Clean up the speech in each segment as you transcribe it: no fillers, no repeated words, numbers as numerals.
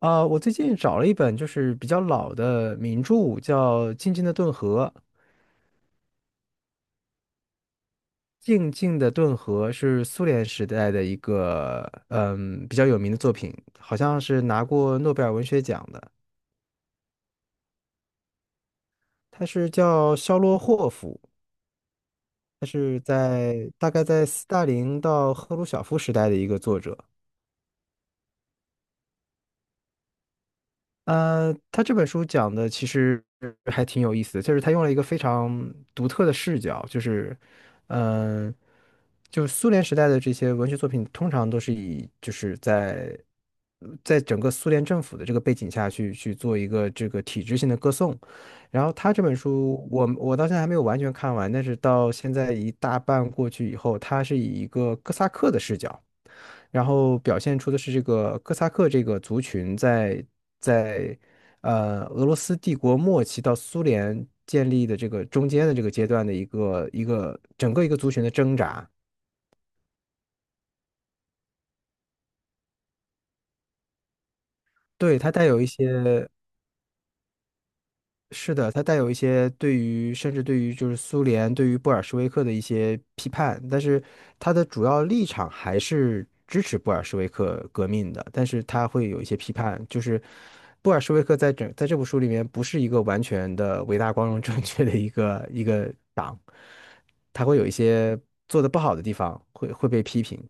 啊，我最近找了一本就是比较老的名著，叫《静静的顿河》。《静静的顿河》是苏联时代的一个比较有名的作品，好像是拿过诺贝尔文学奖的。他是叫肖洛霍夫，他是大概在斯大林到赫鲁晓夫时代的一个作者。他这本书讲的其实还挺有意思的，就是他用了一个非常独特的视角，就是，嗯、就是苏联时代的这些文学作品，通常都是以就是在在整个苏联政府的这个背景下去做一个这个体制性的歌颂。然后他这本书，我到现在还没有完全看完，但是到现在一大半过去以后，他是以一个哥萨克的视角。然后表现出的是这个哥萨克这个族群在呃俄罗斯帝国末期到苏联建立的这个中间的这个阶段的一个整个一个族群的挣扎，对，它带有一些是的，它带有一些对于甚至对于就是苏联对于布尔什维克的一些批判，但是它的主要立场还是支持布尔什维克革命的，但是它会有一些批判，就是布尔什维克在这部书里面不是一个完全的伟大、光荣、正确的一个党，他会有一些做的不好的地方会被批评。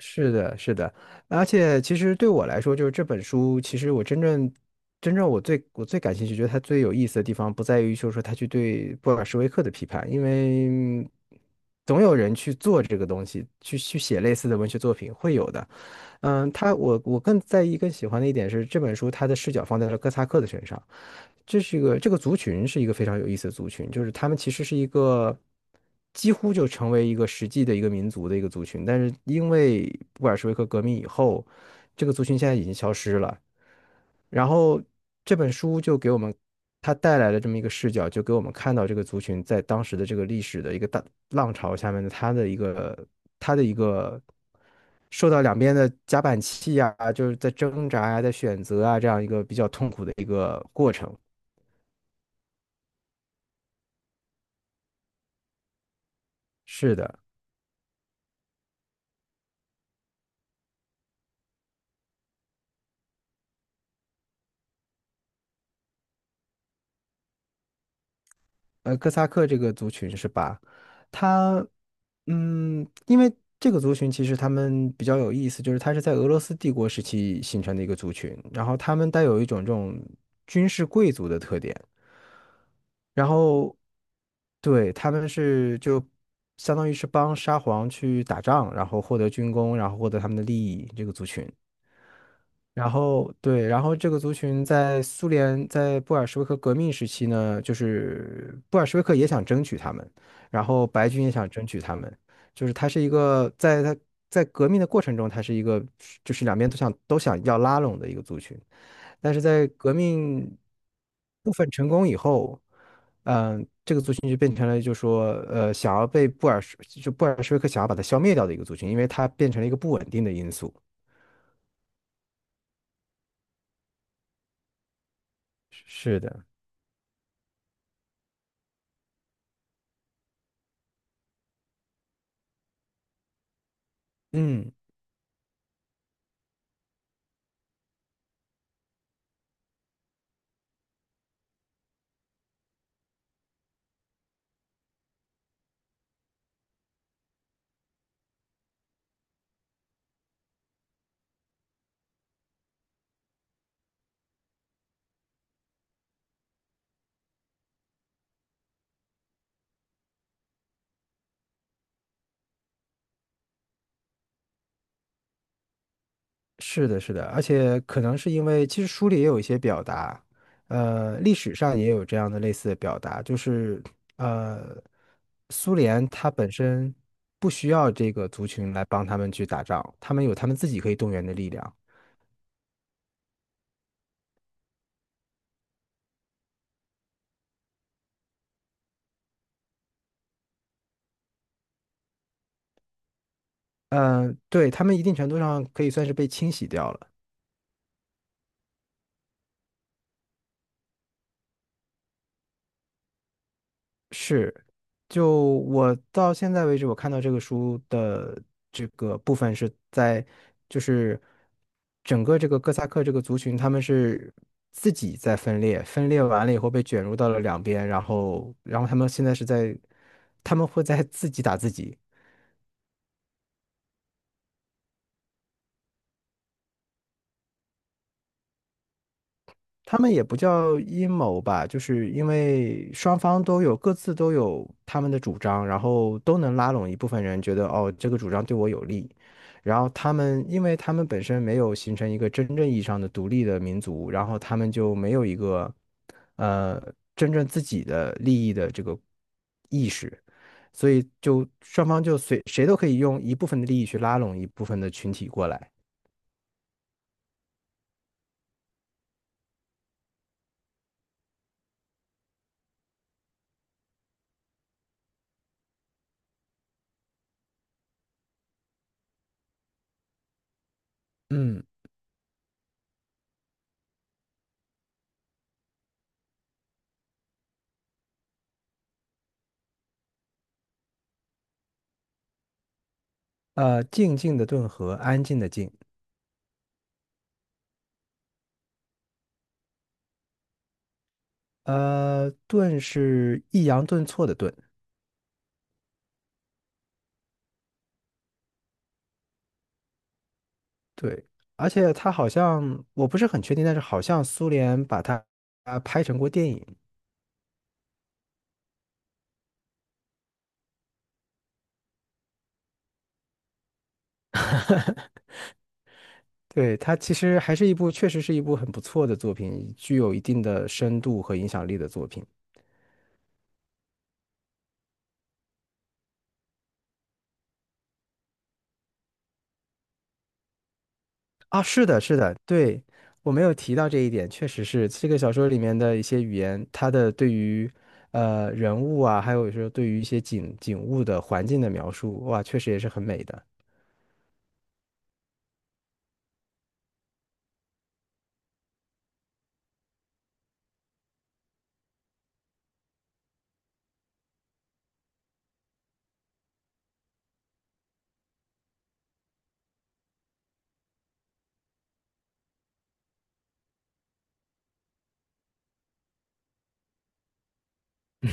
是。而且其实对我来说，就是这本书，其实我真正真正我最我最感兴趣，觉得它最有意思的地方，不在于就是说它去对布尔什维克的批判，因为总有人去做这个东西，去写类似的文学作品，会有的。嗯，他我更在意、更喜欢的一点是，这本书它的视角放在了哥萨克的身上。这是一个这个族群是一个非常有意思的族群，就是他们其实是一个几乎就成为一个实际的一个民族的一个族群，但是因为布尔什维克革命以后，这个族群现在已经消失了。然后这本书就给我们它带来了这么一个视角，就给我们看到这个族群在当时的这个历史的一个大浪潮下面的它的一个受到两边的夹板气啊，就是在挣扎呀、在选择啊这样一个比较痛苦的一个过程。是的，哥萨克这个族群是吧？他，嗯，因为这个族群其实他们比较有意思，就是他是在俄罗斯帝国时期形成的一个族群，然后他们带有一种这种军事贵族的特点，然后对他们相当于是帮沙皇去打仗，然后获得军功，然后获得他们的利益，这个族群。然后对，然后这个族群在苏联在布尔什维克革命时期呢，就是布尔什维克也想争取他们，然后白军也想争取他们，就是他是一个在革命的过程中，他是一个就是两边都想要拉拢的一个族群，但是在革命部分成功以后，嗯、这个族群就变成了就说想要被布尔什维克想要把它消灭掉的一个族群，因为它变成了一个不稳定的因素。是的，嗯。是的，是的，而且可能是因为，其实书里也有一些表达，历史上也有这样的类似的表达，就是呃，苏联它本身不需要这个族群来帮他们去打仗，他们有他们自己可以动员的力量，嗯、对，他们一定程度上可以算是被清洗掉了。是，就我到现在为止，我看到这个书的这个部分是在，就是整个这个哥萨克这个族群，他们是自己在分裂，分裂完了以后被卷入到了两边，然后，然后他们现在是在，他们会在自己打自己，他们也不叫阴谋吧，就是因为双方各自都有他们的主张，然后都能拉拢一部分人，觉得哦这个主张对我有利。然后他们，因为他们本身没有形成一个真正意义上的独立的民族，然后他们就没有一个呃真正自己的利益的这个意识，所以就双方就随谁都可以用一部分的利益去拉拢一部分的群体过来。嗯，静静的顿河，安静的静。顿是抑扬顿挫的顿，对，而且它好像我不是很确定，但是好像苏联把它拍成过电影，对，它其实还是一部确实是一部很不错的作品，具有一定的深度和影响力的作品啊，是的，是的，对，我没有提到这一点，确实是这个小说里面的一些语言，它的对于人物啊，还有说对于一些景物的环境的描述，哇，确实也是很美的，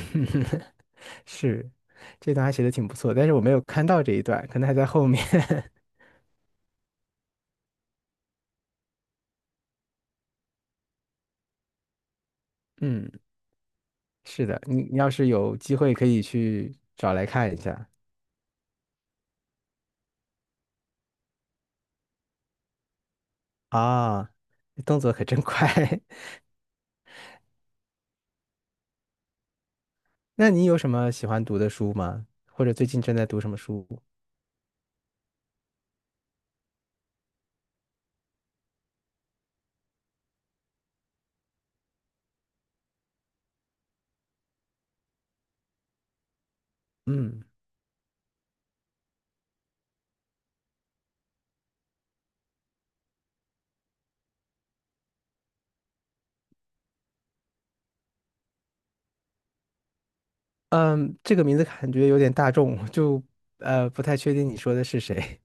是，这段还写的挺不错，但是我没有看到这一段，可能还在后面。嗯，是的，你要是有机会可以去找来看一下啊，动作可真快。那你有什么喜欢读的书吗？或者最近正在读什么书？嗯，嗯，这个名字感觉有点大众，就不太确定你说的是谁。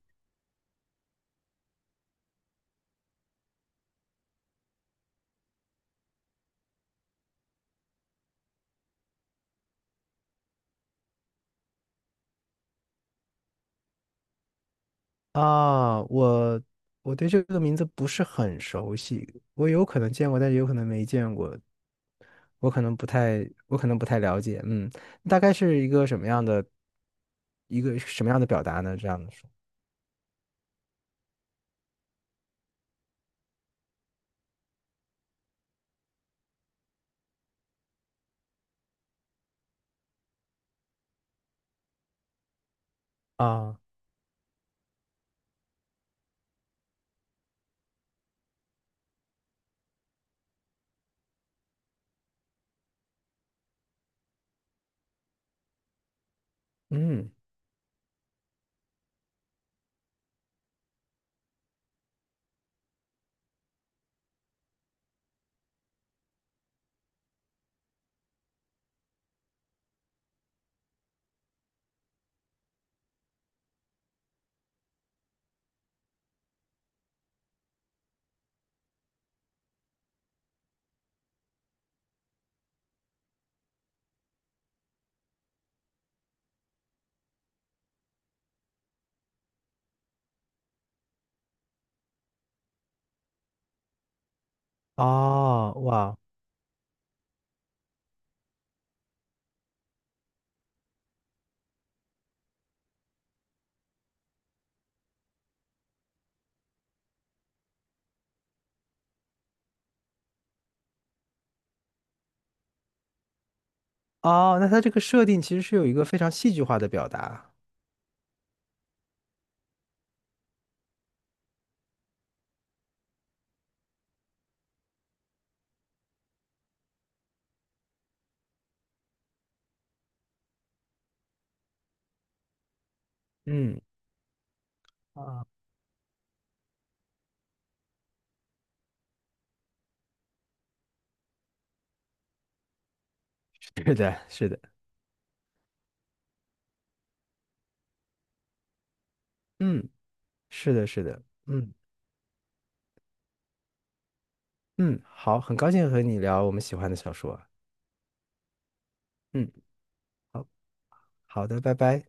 啊，我对这个名字不是很熟悉，我有可能见过，但是有可能没见过，我可能不太了解。嗯，大概是一个什么样的表达呢？这样的说啊，嗯，哦，哇，哦，那它这个设定其实是有一个非常戏剧化的表达。嗯，啊，是的，是的，嗯，是的，是的，嗯嗯，好，很高兴和你聊我们喜欢的小说。嗯，好的，拜拜。